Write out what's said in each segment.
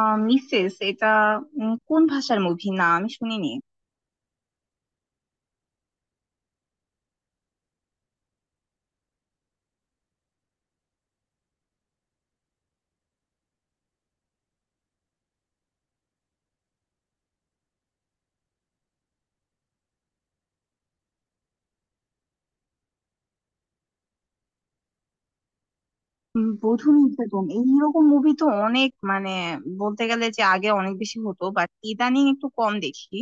আহ Mrs এটা কোন ভাষার মুভি না, আমি শুনিনি। বধূ নির্যাতন এইরকম মুভি তো অনেক, মানে বলতে গেলে যে আগে অনেক বেশি হতো, বাট ইদানিং একটু কম দেখি।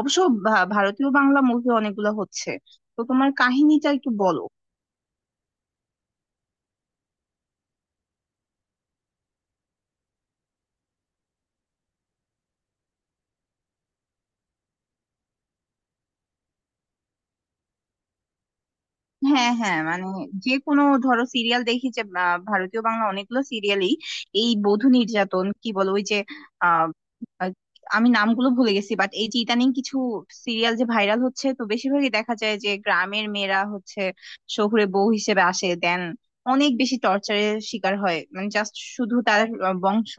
অবশ্য ভারতীয় বাংলা মুভি অনেকগুলো হচ্ছে। তো তোমার কাহিনীটা একটু বলো। হ্যাঁ হ্যাঁ, মানে যে কোনো ধরো সিরিয়াল দেখি, যে ভারতীয় বাংলা অনেকগুলো সিরিয়ালই এই বধূ নির্যাতন কি বলো, ওই যে আহ, আহ, আমি নামগুলো ভুলে গেছি, বাট এই যে ইদানিং কিছু সিরিয়াল যে ভাইরাল হচ্ছে, তো বেশিরভাগই দেখা যায় যে গ্রামের মেয়েরা হচ্ছে শহুরে বউ হিসেবে আসে, দেন অনেক বেশি টর্চারের শিকার হয়, মানে জাস্ট শুধু তার বংশ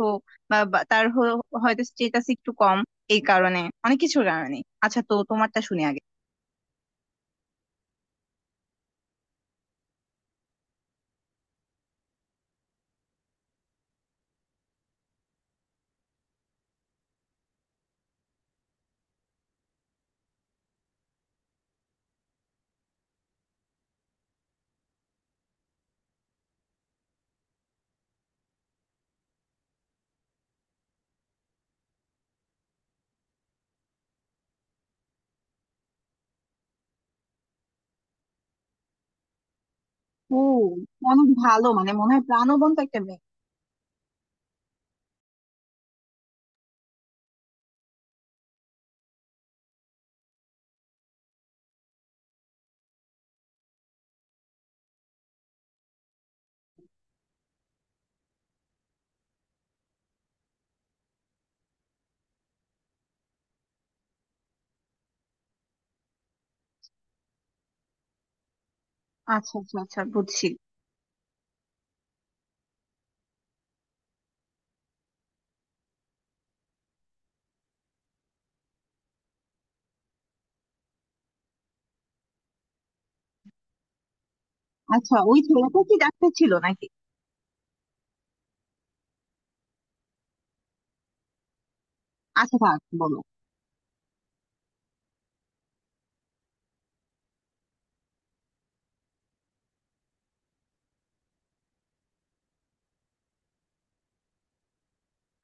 বা বা তার হয়তো স্টেটাস একটু কম, এই কারণে, অনেক কিছুর কারণে। আচ্ছা, তো তোমারটা শুনে আগে। ও, অনেক ভালো, মানে মনে হয় প্রাণবন্ত একটা মেয়ে। আচ্ছা আচ্ছা আচ্ছা, বুঝছি। আচ্ছা, ওই ছেলেটা কি ডাক্তার ছিল নাকি? আচ্ছা, থাক বলো।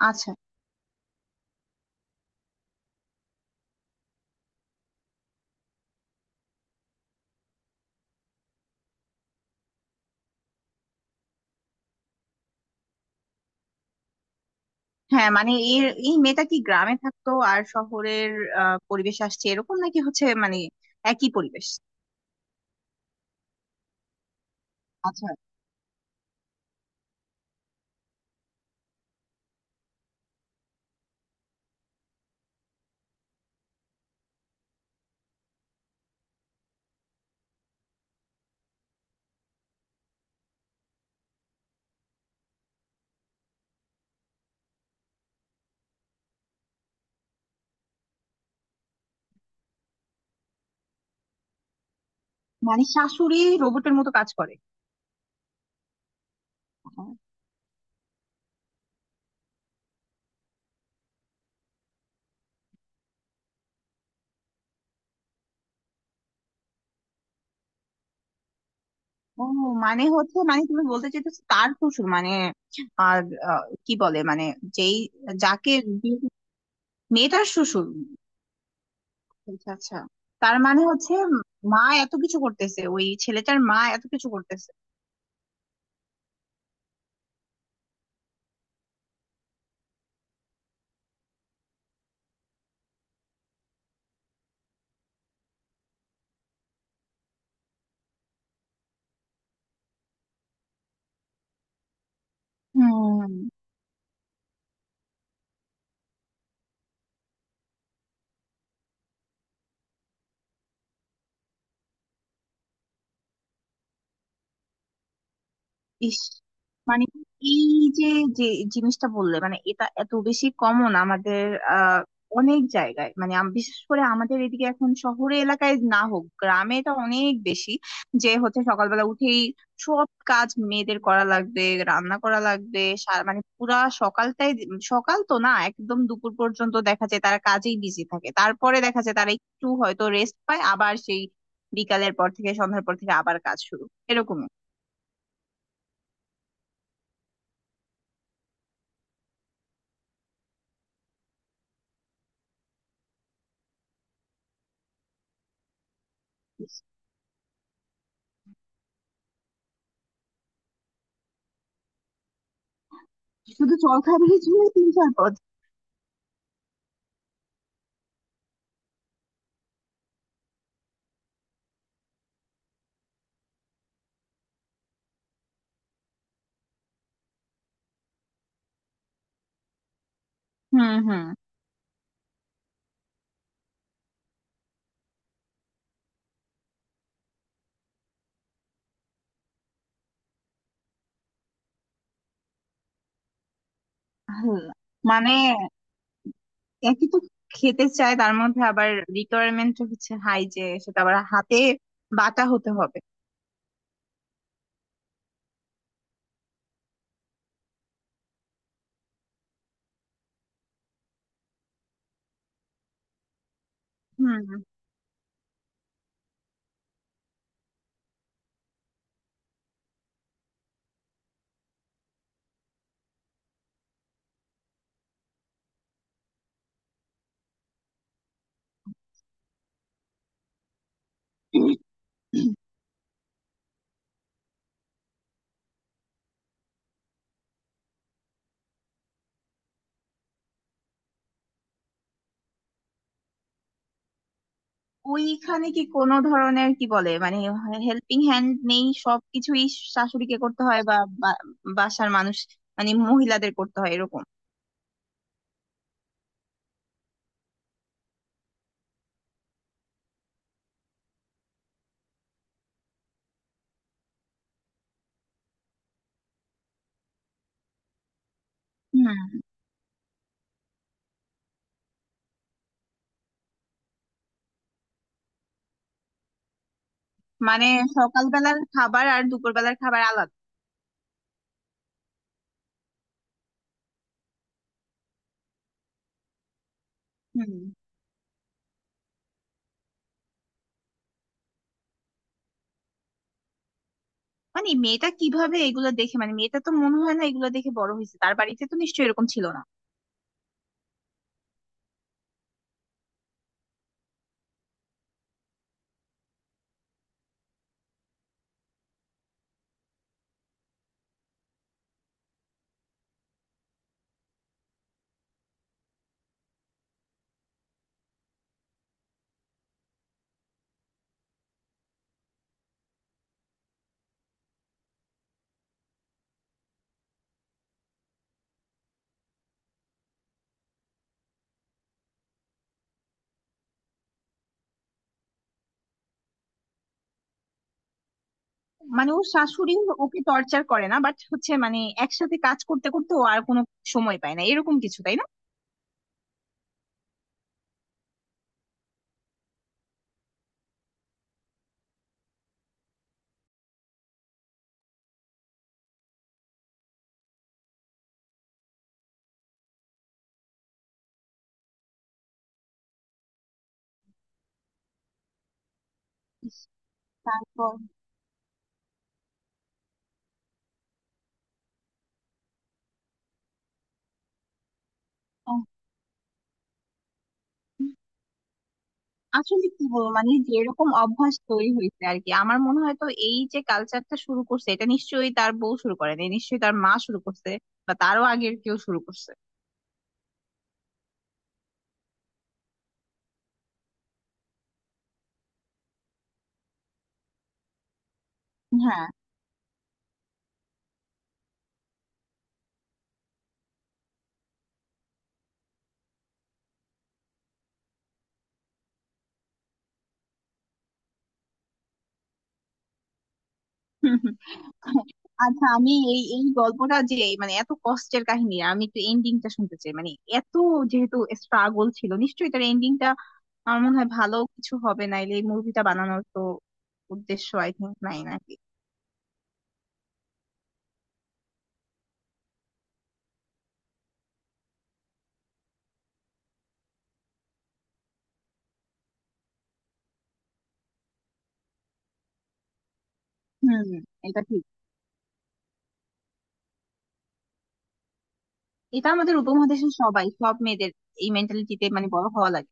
আচ্ছা। হ্যাঁ মানে এর এই মেয়েটা কি গ্রামে থাকতো আর শহরের পরিবেশ আসছে এরকম, নাকি হচ্ছে মানে একই পরিবেশ? আচ্ছা। মানে শাশুড়ি রোবটের মতো কাজ করে? হ্যাঁ। ও, মানে হচ্ছে, মানে তুমি বলতে চাইতেছো তার শ্বশুর মানে আর কি বলে মানে যেই যাকে বিয়ে- মেয়েটার শ্বশুর। আচ্ছা আচ্ছা। তার মানে হচ্ছে, মা এত কিছু করতেছে, ওই ছেলেটার মা এত কিছু করতেছে। হুম। ইস, মানে এই যে যে জিনিসটা বললে, মানে এটা এত বেশি কমন আমাদের আহ অনেক জায়গায়, মানে বিশেষ করে আমাদের এদিকে, এখন শহরে এলাকায় না হোক, গ্রামে এটা অনেক বেশি, যে হচ্ছে সকালবেলা উঠেই সব কাজ মেয়েদের করা লাগবে, রান্না করা লাগবে, মানে পুরা সকালটাই, সকাল তো না, একদম দুপুর পর্যন্ত দেখা যায় তারা কাজেই বিজি থাকে, তারপরে দেখা যায় তারা একটু হয়তো রেস্ট পায়, আবার সেই বিকালের পর থেকে, সন্ধ্যার পর থেকে আবার কাজ শুরু, এরকম। শুধু জলখাবারের জন্যই তিন চার পদ? হুম হুম। আল্লাহ, মানে একই তো খেতে চায়, তার মধ্যে আবার রিকোয়ারমেন্ট হচ্ছে হাই, যে সেটা আবার হাতে বাটা হতে হবে। হুম। ওইখানে কি কোনো ধরনের, কি বলে মানে, হেল্পিং হ্যান্ড নেই? সবকিছুই শাশুড়িকে করতে হয়, বা বা- বাসার মানুষ, মানে মহিলাদের করতে হয় এরকম? হুম। মানে সকালবেলার খাবার আর দুপুরবেলার খাবার আলাদা? হুম। মানে মেয়েটা কিভাবে এগুলো দেখে, মানে মেয়েটা তো মনে হয় না এগুলো দেখে বড় হয়েছে, তার বাড়িতে তো নিশ্চয়ই এরকম ছিল না। মানে ওর শাশুড়ি ওকে টর্চার করে না, বাট হচ্ছে মানে একসাথে কাজ করতে করতে ও আর কোনো সময় পায় না এরকম কিছু, তাই না? তারপর? আহ, আসলে কি বলবো, মানে যেরকম অভ্যাস তৈরি হয়েছে আর কি। আমার মনে হয় তো এই যে কালচারটা শুরু করছে, এটা নিশ্চয়ই তার বউ শুরু করেনি, নিশ্চয়ই তার মা শুরু করছে বা তারও আগের কেউ শুরু করছে। হ্যাঁ। হুম, হুম। আচ্ছা, আমি এই এই গল্পটা যে, মানে এত কষ্টের কাহিনী, আমি একটু এন্ডিংটা শুনতে চাই। মানে এত, যেহেতু স্ট্রাগল ছিল, নিশ্চয়ই তার এন্ডিংটা আমার মনে হয় ভালো কিছু হবে, নাইলে এই মুভিটা বানানোর তো উদ্দেশ্য, আই থিংক, নাই নাকি। হুম। এটা ঠিক। এটা আমাদের উপমহাদেশের সবাই সব মেয়েদের এই মেন্টালিটিতে মানে বড় হওয়া লাগে।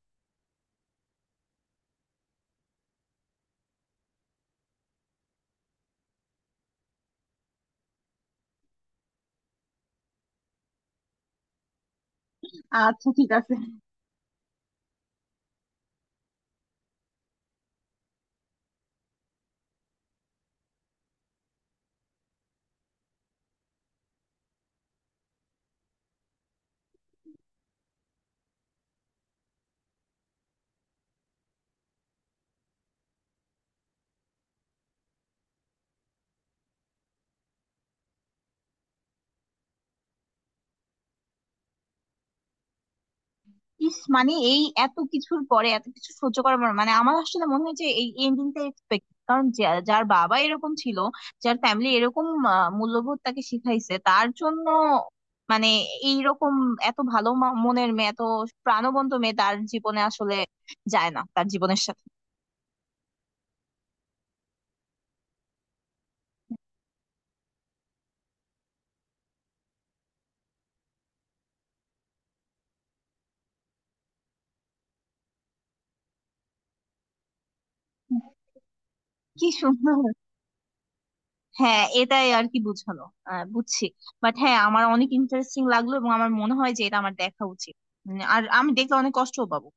আচ্ছা ঠিক আছে। ইস, মানে এই এত কিছুর পরে এত কিছু সহ্য করার পর, মানে আমার আসলে মনে হয় যে এই এন্ডিংটা এক্সপেক্ট, কারণ যার বাবা এরকম ছিল, যার ফ্যামিলি এরকম মূল্যবোধ তাকে শিখাইছে, তার জন্য মানে এইরকম এত ভালো মনের মেয়ে, এত প্রাণবন্ত মেয়ে তার জীবনে আসলে যায় না, তার জীবনের সাথে। কি সুন্দর। হ্যাঁ, এটাই আর কি বুঝানো। বুঝছি। বাট হ্যাঁ, আমার অনেক ইন্টারেস্টিং লাগলো, এবং আমার মনে হয় যে এটা আমার দেখা উচিত। আর আমি দেখলে অনেক কষ্টও পাবো।